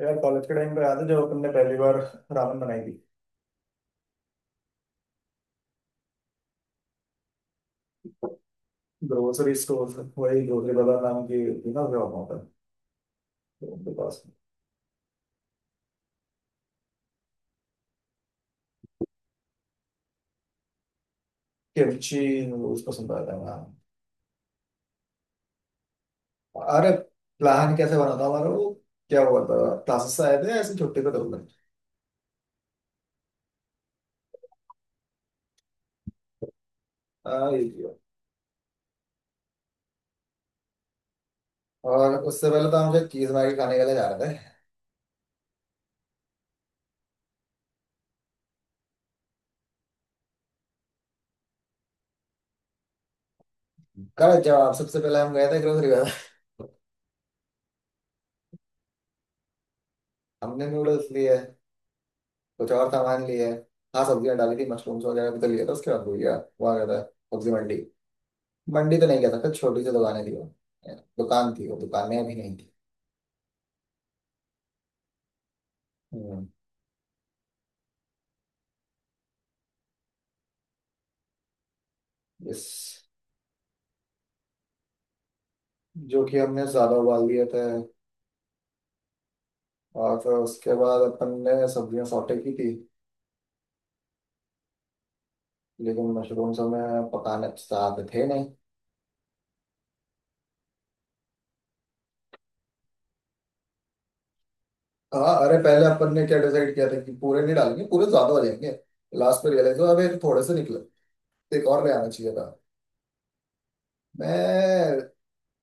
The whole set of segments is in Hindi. यार कॉलेज के टाइम पे याद है जब अपन ने पहली बार रामन बनाई थी। ग्रोसरी स्टोर वही गोली बाजार नाम की थी ना जो वहाँ पर। तो उनके पास किमची, उसको पसंद आता है। हाँ। अरे प्लान कैसे बना था हमारा? वो क्या हुआ था? क्लासेस से आए थे, ऐसे छुट्टी पे थे। हाँ, ये किया। और उससे पहले तो हम जो चीज मार खाने के लिए जा रहे थे। गलत जवाब। सबसे पहले हम गए थे ग्रोसरी बाजार। हमने नूडल्स लिए, कुछ और सामान लिए। हाँ, सब्जियां डाली थी, मशरूम्स वगैरह भी तो लिए थे। उसके बाद भूल गया। वहाँ गया था, सब्जी मंडी। मंडी तो नहीं कह सकता, छोटी सी दुकानें थी वो। दुकान थी, वो दुकानें अभी नहीं थी। हम्म। इस जो कि हमने ज्यादा उबाल दिए थे। और फिर उसके बाद अपन ने सब्जियां सॉटे की थी। लेकिन मशरूम्स हमें पकाने चाहते थे नहीं। हाँ, अरे पहले अपन ने क्या डिसाइड किया था कि पूरे नहीं डालेंगे, पूरे ज्यादा हो जाएंगे। लास्ट पे रियलाइज हुआ अबे थोड़े से निकले, तो एक और ले आना चाहिए था। मैं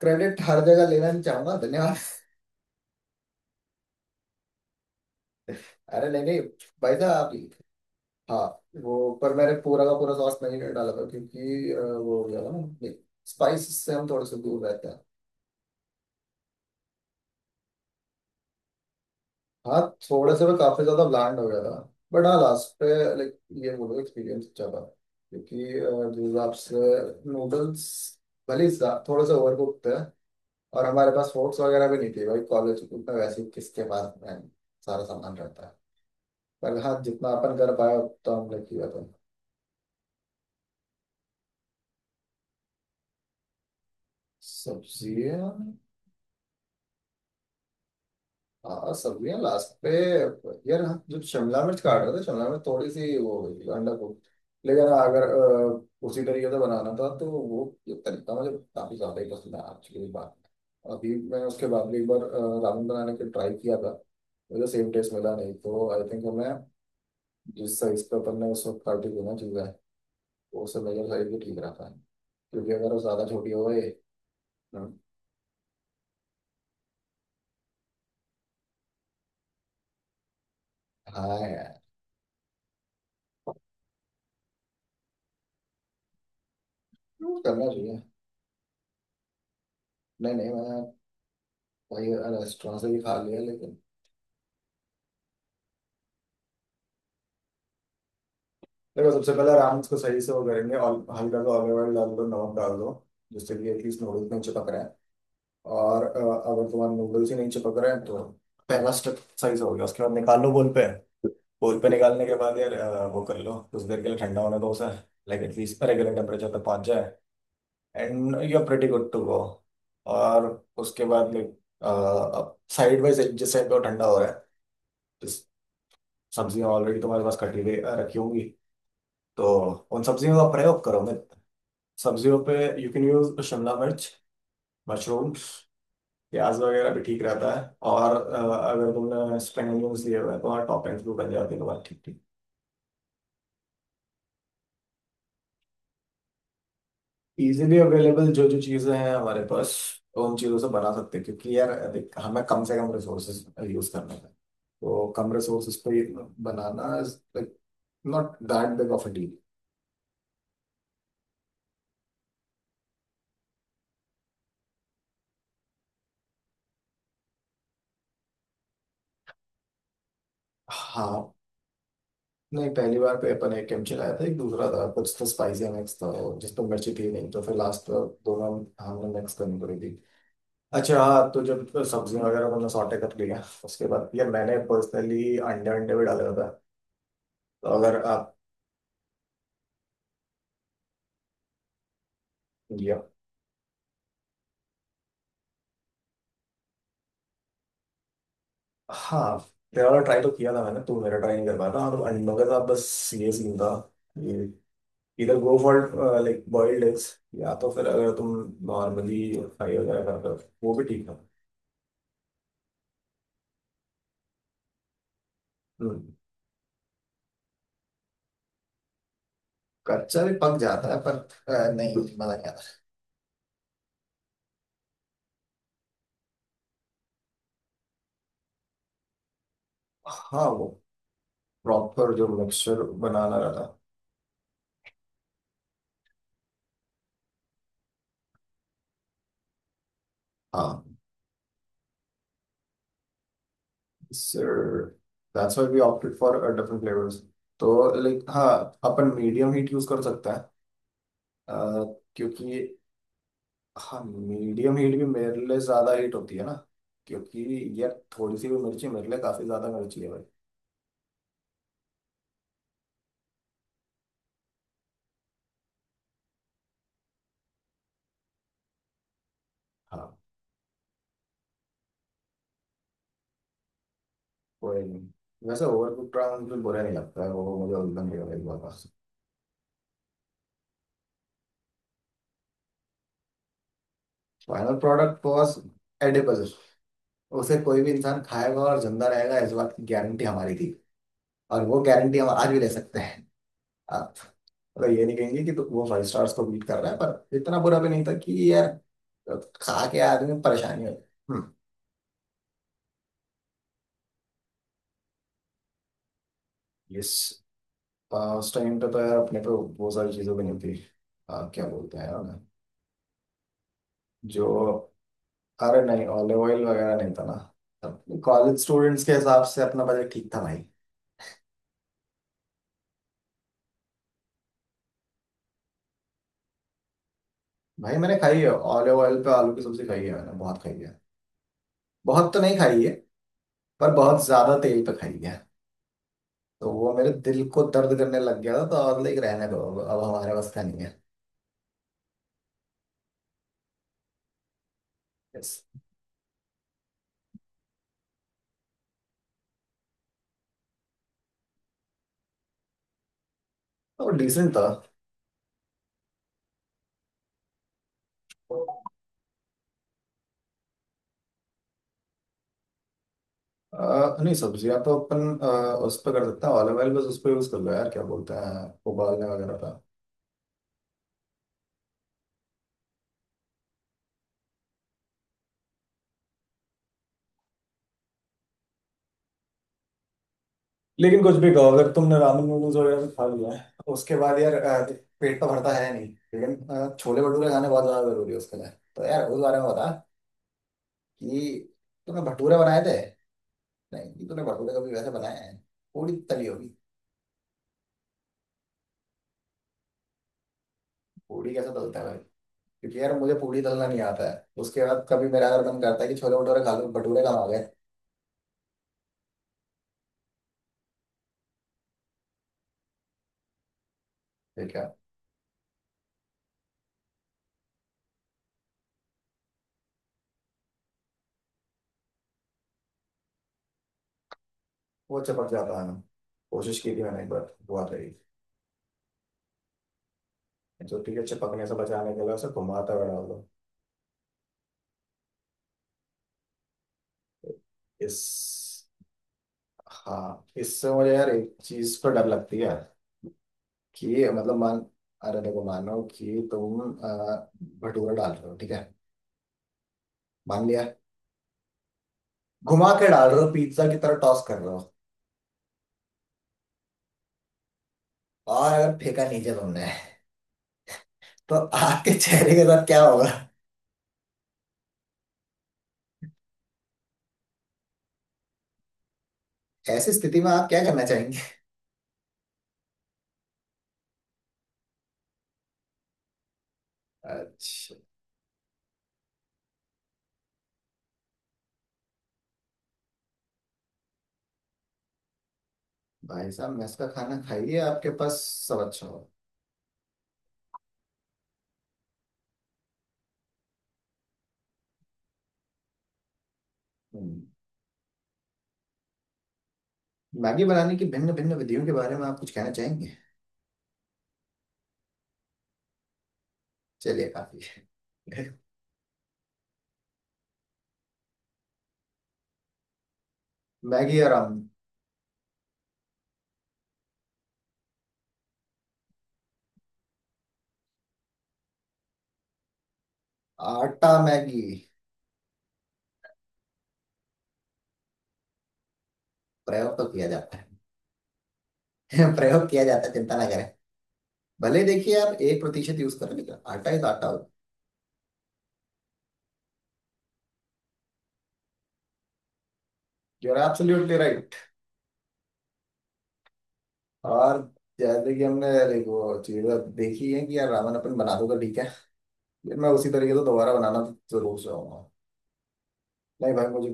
क्रेडिट हर जगह लेना नहीं चाहूंगा, धन्यवाद। अरे नहीं नहीं। भाई साहब। हाँ, वो पर मैंने पूरा का पूरा सॉस नहीं डाला था क्योंकि वो हो गया था ना। स्पाइस से हम थोड़े से दूर रहते हैं। हाँ, थोड़े से मैं काफी ज्यादा ब्लैंड हो गया था। बट हाँ, लास्ट पे लाइक ये बोलो, एक्सपीरियंस अच्छा था। क्योंकि जिस हिसाब से नूडल्स भले ही थोड़े से ओवर कुक थे, और हमारे पास फोर्क्स वगैरह भी नहीं थे भाई, कॉलेज में वैसे ही किसके पास है सारा सामान रहता है। पर हाँ, जितना अपन कर पाया उतना हमने किया था। सब्जी, हाँ सब्जियां लास्ट पे। यार हम जब शिमला मिर्च काट रहे थे, शिमला मिर्च थोड़ी सी वो हो गई थी, अंडा को। लेकिन अगर उसी तरीके से बनाना था तो वो, ये तरीका मुझे काफी ज्यादा ही पसंद आया, एक्चुअली बात। अभी मैं उसके बाद भी एक बार रामेन बनाने के ट्राई किया था। मुझे सेम टेस्ट मिला नहीं, तो आई थिंक हमें जिस साइज पे अपन ने उस वक्त काटी थी ना चीज़ें, वो उससे मेजर साइज भी ठीक रहता है, क्योंकि अगर वो ज्यादा छोटी हो गई। हम्म। हाँ यार, वो करना चाहिए। नहीं नहीं, मैंने वही रेस्टोरेंट से भी खा लिया, लेकिन देखो सबसे पहले राउंड्स को सही से वो करेंगे, और हल्का सा ऑलिव ऑयल डाल दो, नमक डाल दो, जिससे कि एटलीस्ट नूडल्स नहीं चिपक रहे हैं। और अगर तुम्हारे नूडल्स ही नहीं चिपक रहे हैं तो पहला स्टेप सही से हो गया। उसके बाद निकाल लो बोल पे। बोल पे निकालने के बाद यार वो कर लो, कुछ देर के लिए ठंडा होने दो उसे। लाइक एटलीस्ट रेगुलर टेम्परेचर तक पहुंच जाए, and you are pretty good to go. और उसके बाद लाइक अब साइड बाई साइड, जिस साइड पे वो ठंडा हो रहा है, जिस सब्जियां ऑलरेडी तुम्हारे पास कटी हुई रखी होंगी, तो उन सब्जियों का प्रयोग करो मैं, सब्जियों पे। यू कैन यूज शिमला मिर्च, मशरूम, प्याज वगैरह भी ठीक रहता है। और अगर तुमने स्प्रिंग अनियंस लिए हुए हैं, तो वहाँ टॉपिंग्स भी बन जाती है तुम्हारी ठीक ठीक। इजीली अवेलेबल जो जो चीज़ें हैं हमारे पास, तो उन चीज़ों से बना सकते हैं, क्योंकि यार देख, हमें कम से कम रिसोर्सेज यूज करना है। तो कम रिसोर्सेज पे ही बनाना, not that big of a deal. हाँ, नहीं पहली बार पे अपन एक कैंप चलाया था, एक दूसरा था कुछ तो स्पाइसी मिक्स था, जिस पर मिर्ची थी नहीं, तो फिर लास्ट दोनों हमने मिक्स करनी पड़ी थी। अच्छा, हाँ तो जब सब्जियां वगैरह मैंने सॉटे कर लिया उसके बाद यार, मैंने पर्सनली अंडे अंडे भी डाले होते हैं। तो अगर आप ये, हाँ तेरा वाला ट्राई तो किया था मैंने, तू मेरा ट्राई नहीं कर पाया था। और अंडों के साथ बस ये सीन था, ये इधर go for like boiled eggs. या तो फिर अगर तुम नॉर्मली फ्राई वगैरह करते हो वो भी ठीक है। हम्म, कच्चा भी पक जाता है पर नहीं मजा नहीं आता। हाँ वो प्रॉपर जो मिक्सचर बनाना रहता है। हाँ sir, that's why we opted for different flavours. तो लाइक हाँ, अपन मीडियम हीट यूज कर सकते हैं। अ, क्योंकि हाँ, मीडियम हीट भी मेरे लिए ज्यादा हीट होती है ना, क्योंकि ये थोड़ी सी भी मिर्ची मेरे लिए काफी ज्यादा मिर्ची है भाई। हाँ कोई नहीं, वैसे ओवर कुक ट्राई मुझे बुरा नहीं लगता है, वो मुझे उल्टा नहीं लगा बहुत। Final product was edible. उसे कोई भी इंसान खाएगा और जिंदा रहेगा, इस बात की गारंटी हमारी थी। और वो गारंटी हम आज भी ले सकते हैं। मतलब ये नहीं कहेंगे कि तो वो फाइव स्टार्स को बीट कर रहा है, पर इतना बुरा भी नहीं था कि यार खा के आदमी में परेशानी हो। हम्म। यस। उस टाइम पे तो यार अपने पे बहुत सारी चीज़ें भी नहीं थी। क्या बोलते हैं यार जो, अरे नहीं ऑलिव ऑयल वगैरह नहीं था ना, कॉलेज स्टूडेंट्स के हिसाब से अपना बजट ठीक था भाई। भाई मैंने खाई है, ऑलिव ऑयल पे आलू की सब्जी खाई है मैंने, बहुत खाई है। बहुत तो नहीं खाई है, पर बहुत ज्यादा तेल पे खाई है। तो वो मेरे दिल को दर्द करने लग गया था, तो और लाइक रहने दो, अब हमारे बस का नहीं है। Yes। और डिसेंट था। नहीं सब्जियां तो अपन उस पर कर सकते हैं। ऑलिव ऑयल बस उस पर यूज कर लो यार, क्या बोलते हैं, उबालने वगैरह का। लेकिन कुछ भी कहो, अगर तुमने रामेन नूडल्स वगैरह भी खा लिया है उसके बाद यार, पेट तो भरता है नहीं। लेकिन छोले भटूरे खाने बहुत ज्यादा जरूरी है उसके लिए। तो यार उस बारे में बता, कि तूने भटूरे बनाए थे। नहीं कि तूने भटूरे कभी वैसे बनाए हैं। पूड़ी तली होगी। पूड़ी कैसे तलता है भाई? क्योंकि यार मुझे पूड़ी तलना नहीं आता है। उसके बाद कभी मेरा अगर मन करता है कि छोले भटूरे खा लूं, भटूरे कहाँ आ गए। वो चिपक जाता है। कोशिश की थी मैंने एक बार, हुआ था ये। तो ठीक है, चिपकने से बचाने के लिए उसे घुमाता हुआ डाल दो। इस, हाँ इससे मुझे यार एक चीज पर डर लगती है, कि मतलब मान, अरे देखो मानो कि तुम भटूरा डाल रहे हो, ठीक है, मान लिया, घुमा के डाल रहे हो, पिज्जा की तरह टॉस कर रहे हो। और अगर फेंका नीचे तुमने, तो आपके चेहरे के साथ क्या होगा? ऐसी स्थिति में आप क्या करना चाहेंगे? अच्छा। भाई साहब मेस का खाना खाइए आपके पास सब अच्छा हो। मैगी बनाने की भिन्न भिन्न विधियों के बारे में आप कुछ कहना चाहेंगे? चलिए काफी है। मैगी और हम, आटा मैगी प्रयोग तो किया जाता है। प्रयोग किया जाता है, चिंता ना करें। भले देखिए आप 1 प्रतिशत यूज करें, लेकिन आटा इज आटा। You are absolutely right. और जैसे कि हमने देखो, चीजें देखी है कि यार रावण अपन बना दूंगा, ठीक है, लेकिन मैं उसी तरीके से तो दोबारा बनाना जरूर चाहूंगा। नहीं भाई, मुझे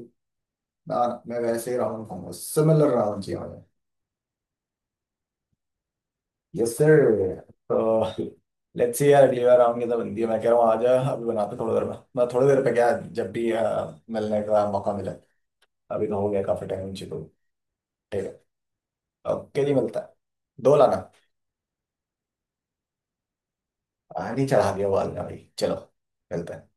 ना, मैं वैसे ही रावण खाऊंगा, सिमिलर रावण चाहिए। Yes sir. तो लेट्स सी यार, अगली बार आऊंगी तो बनती है। मैं कह रहा हूँ आ जा, अभी बनाते थोड़ी देर में, मैं थोड़ी देर पे क्या, जब भी मिलने का मौका मिले। अभी तो हो गया काफी टाइम उनसे तो। ठीक है। ओके जी, मिलता है। दो लाना। पानी चढ़ा दिया वाल में भाई, चलो मिलते हैं।